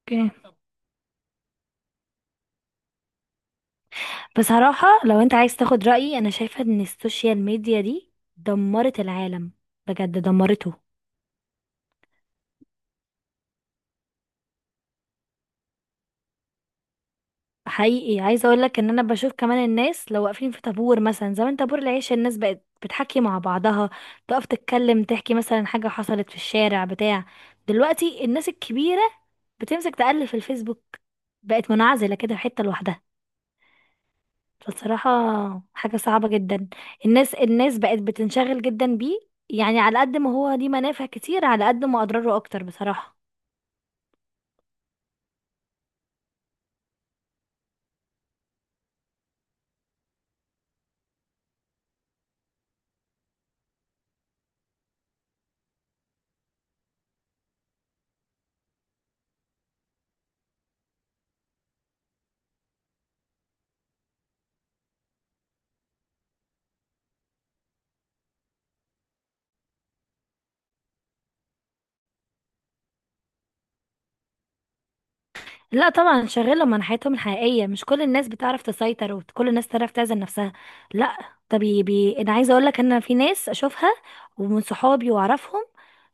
اوكي. بصراحة لو انت عايز تاخد رأيي، انا شايفة ان السوشيال ميديا دي دمرت العالم. بجد دمرته. حقيقي عايزة اقولك ان انا بشوف كمان الناس لو واقفين في طابور مثلا، زمان طابور العيش الناس بقت بتحكي مع بعضها، تقف تتكلم تحكي مثلا حاجة حصلت في الشارع بتاع. دلوقتي الناس الكبيرة بتمسك تقلب في الفيسبوك، بقت منعزلة كده في حتة لوحدها. بصراحة حاجة صعبة جدا. الناس بقت بتنشغل جدا بيه. يعني على قد ما هو ليه منافع كتير، على قد ما أضراره أكتر بصراحة. لا طبعا، شغالة من حياتهم الحقيقية. مش كل الناس بتعرف تسيطر، وكل الناس تعرف تعزل نفسها. لا. طب بي انا عايزة اقول لك ان في ناس اشوفها ومن صحابي واعرفهم.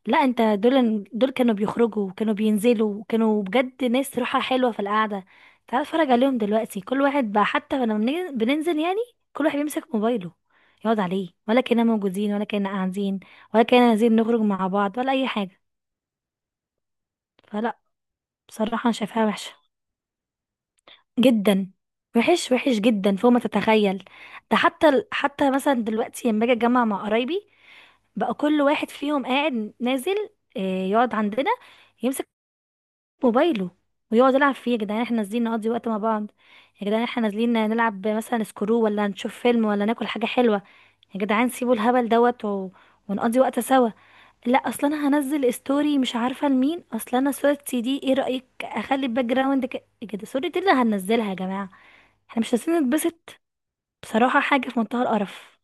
لا، انت دول كانوا بيخرجوا، وكانوا بينزلوا، وكانوا بجد ناس روحها حلوة في القعدة. تعال اتفرج عليهم دلوقتي. كل واحد بقى حتى لما بننزل يعني، كل واحد بيمسك موبايله يقعد عليه. ولا كنا موجودين، ولا كنا قاعدين، ولا كنا عايزين نخرج مع بعض، ولا اي حاجة. فلا. بصراحة انا شايفاها وحشة جدا. وحش وحش جدا فوق ما تتخيل. ده حتى حتى مثلا دلوقتي، لما باجي اتجمع مع قرايبي، بقى كل واحد فيهم قاعد نازل، يقعد عندنا يمسك موبايله ويقعد يلعب فيه. يا جدعان احنا نازلين نقضي وقت مع بعض، يا جدعان احنا نازلين نلعب مثلا سكرو، ولا نشوف فيلم، ولا ناكل حاجة حلوة. يا جدعان سيبوا الهبل ونقضي وقت سوا. لا، اصلا انا هنزل ستوري، مش عارفة لمين اصلا، انا صورتي دي ايه رأيك اخلي الباك جراوند كده؟ صورتي اللي هنزلها يا جماعة؟ احنا مش عايزين نتبسط؟ بصراحة حاجة في منتهى القرف.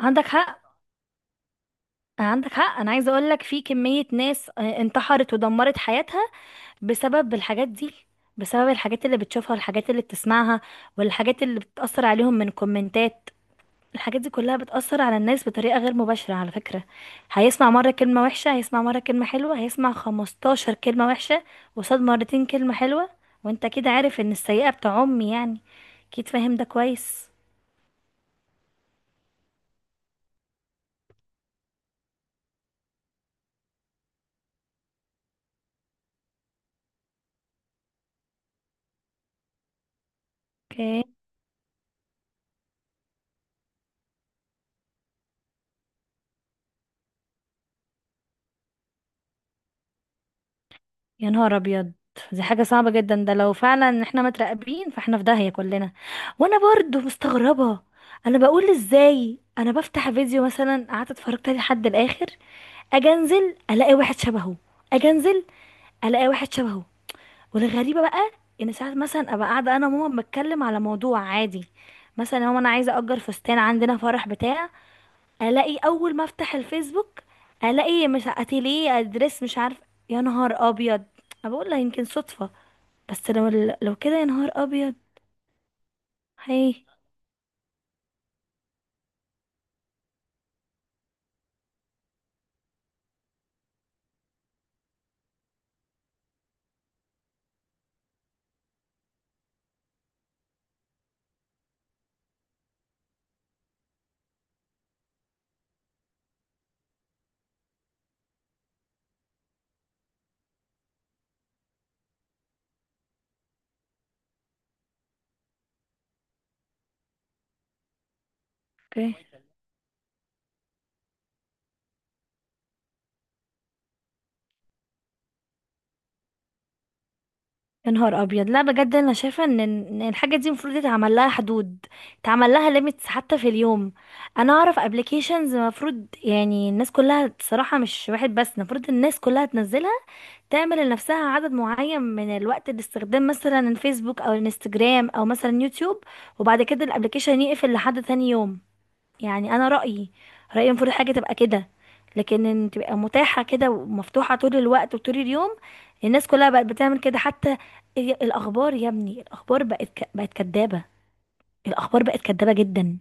عندك حق. عندك حق، انا عايزة اقولك في كمية ناس انتحرت ودمرت حياتها بسبب الحاجات دي، بسبب الحاجات اللي بتشوفها، والحاجات اللي بتسمعها، والحاجات اللي بتأثر عليهم من كومنتات. الحاجات دي كلها بتأثر على الناس بطريقة غير مباشرة على فكرة. هيسمع مرة كلمة وحشة، هيسمع مرة كلمة حلوة، هيسمع خمستاشر كلمة وحشة وصاد مرتين كلمة حلوة، وانت كده عارف ان السيئة بتعم يعني. اكيد فاهم ده كويس. اوكي. يا نهار ابيض، دي حاجة صعبة جدا. ده لو فعلا احنا متراقبين فاحنا في داهية كلنا. وانا برضو مستغربة. انا بقول ازاي انا بفتح فيديو مثلا، قعدت اتفرجت عليه لحد الاخر، اجي انزل الاقي واحد شبهه، اجي انزل الاقي واحد شبهه. والغريبة بقى، ان ساعات مثلا ابقى قاعدة انا وماما بتكلم على موضوع عادي، مثلا يا ماما انا عايزة اجر فستان عندنا فرح بتاع، الاقي اول ما افتح الفيسبوك، الاقي مش اتيليه ادرس مش عارف. يا نهار ابيض! أنا بقول لها يمكن صدفة، بس لو كده، يا نهار ابيض. هي. اوكي. يا نهار ابيض، لا بجد انا شايفه ان إن الحاجه دي المفروض يتعمل لها حدود، يتعمل لها ليميتس حتى في اليوم. انا اعرف ابلكيشنز المفروض يعني الناس كلها، الصراحه مش واحد بس، المفروض الناس كلها تنزلها، تعمل لنفسها عدد معين من الوقت لاستخدام مثلا الفيسبوك او الانستجرام او مثلا يوتيوب، وبعد كده الابلكيشن يقفل لحد تاني يوم. يعني انا رأيي المفروض الحاجة تبقى كده. لكن ان تبقى متاحة كده ومفتوحة طول الوقت وطول اليوم، الناس كلها بقت بتعمل كده. حتى الاخبار يا ابني، الاخبار بقت بقت كدابة. الاخبار بقت كدابة جدا.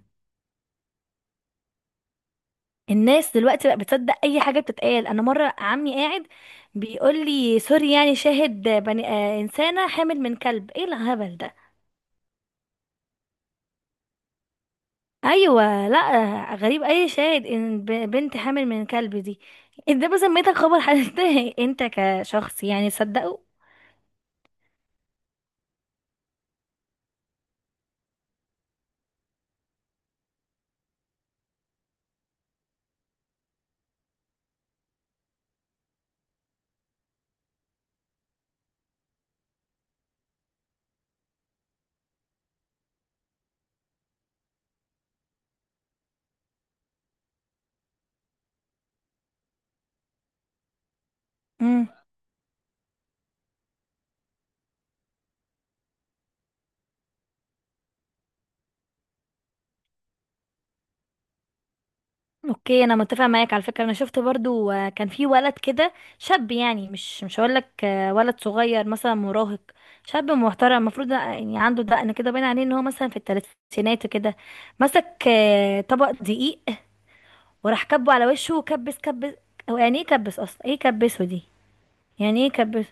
الناس دلوقتي بقت بتصدق اي حاجة بتتقال. انا مرة عمي قاعد بيقول لي سوري يعني شاهد بني آه انسانة حامل من كلب. ايه الهبل ده؟ ايوه، لا غريب، اي شاهد ان بنت حامل من كلب دي؟ ده بسميتك خبر حدث انت كشخص يعني صدقه؟ امم. اوكي، انا متفق معاك على فكره. انا شفت برضو كان في ولد كده، شاب يعني، مش هقول لك ولد صغير مثلا مراهق، شاب محترم المفروض يعني عنده دقن كده، باين عليه ان هو مثلا في الثلاثينات كده، مسك طبق دقيق وراح كبه على وشه وكبس كبس. هو يعني ايه كبس اصلا؟ ايه كبسه دي؟ يعني ايه كبس؟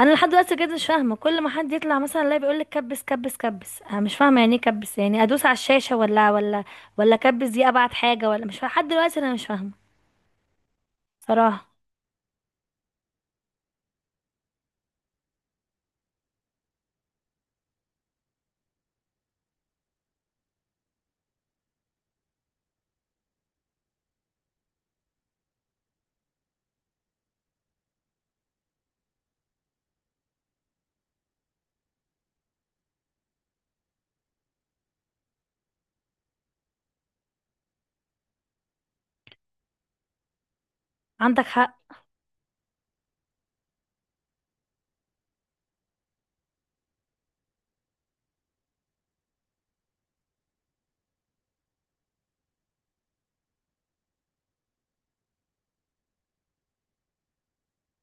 انا لحد دلوقتي كده مش فاهمه. كل ما حد يطلع مثلا لا بيقول لك كبس كبس كبس، انا مش فاهمه يعني ايه كبس. يعني ادوس على الشاشه، ولا ولا كبس دي ابعت حاجه؟ ولا مش فاهمه لحد دلوقتي، انا مش فاهمه. صراحه عندك حق.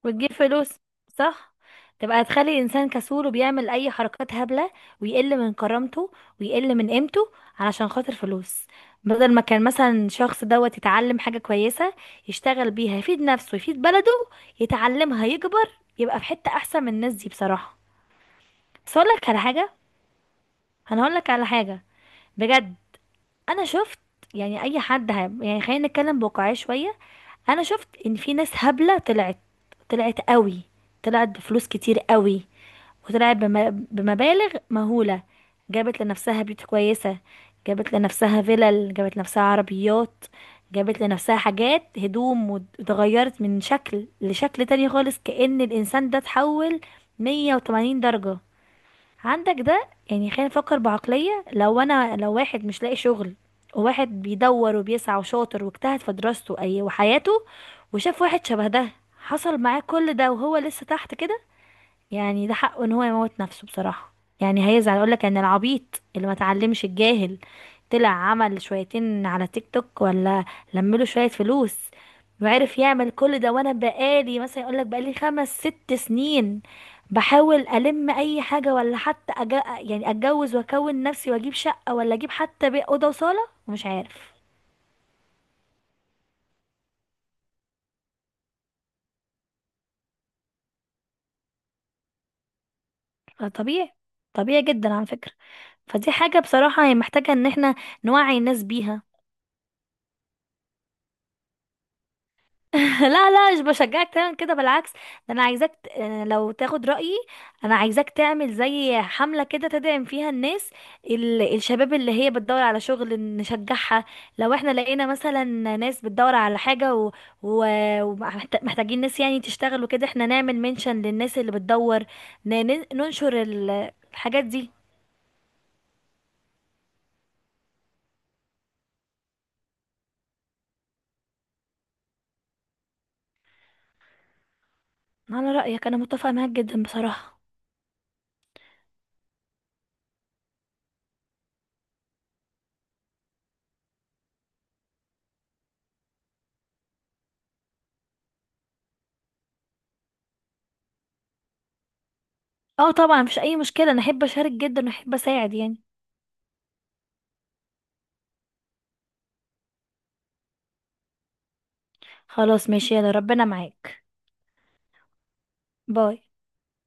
وتجيب فلوس. صح، تبقى تخلي الانسان كسول، وبيعمل اي حركات هبله، ويقل من كرامته، ويقل من قيمته علشان خاطر فلوس. بدل ما كان مثلا شخص يتعلم حاجه كويسه، يشتغل بيها، يفيد نفسه، يفيد بلده، يتعلمها، يكبر، يبقى في حته احسن من الناس دي بصراحه. بس اقول لك على حاجه. انا هقول لك على حاجه، بجد. انا شفت يعني اي حد يعني خلينا نتكلم بواقعيه شويه. انا شفت ان في ناس هبله طلعت، طلعت قوي، طلعت بفلوس كتير قوي، وطلعت بمبالغ مهوله. جابت لنفسها بيوت كويسه، جابت لنفسها فلل، جابت لنفسها عربيات، جابت لنفسها حاجات هدوم، واتغيرت من شكل لشكل تاني خالص، كأن الإنسان ده اتحول 180 درجة. عندك ده. يعني خلينا نفكر بعقلية، لو انا، لو واحد مش لاقي شغل، وواحد بيدور وبيسعى وشاطر واجتهد في دراسته اي وحياته، وشاف واحد شبه ده حصل معاه كل ده وهو لسه تحت كده، يعني ده حقه ان هو يموت نفسه بصراحة. يعني هيزعل، يقول لك ان العبيط اللي ما اتعلمش، الجاهل، طلع عمل شويتين على تيك توك، ولا لمله شوية فلوس، وعرف يعمل كل ده، وانا بقالي مثلا يقول لك بقالي خمس ست سنين بحاول الم اي حاجة، ولا حتى يعني اتجوز واكون نفسي واجيب شقة، ولا اجيب حتى اوضة وصالة، ومش عارف. طبيعي. طبيعي جدا على فكرة. فدي حاجة بصراحة هي محتاجة ان احنا نوعي الناس بيها. لا لا، مش بشجعك تعمل كده، بالعكس ده. انا عايزاك لو تاخد رأيي، انا عايزاك تعمل زي حملة كده، تدعم فيها الناس، الشباب اللي هي بتدور على شغل نشجعها. لو احنا لقينا مثلا ناس بتدور على حاجة و... ومحتاجين ناس يعني تشتغل وكده، احنا نعمل منشن للناس اللي بتدور، ننشر الحاجات دي. على رأيك، انا متفقة معاك جدا بصراحة. اه طبعا، مفيش اي مشكلة. انا احب اشارك جدا، واحب اساعد يعني. خلاص ماشي، يلا ربنا معاك. باي.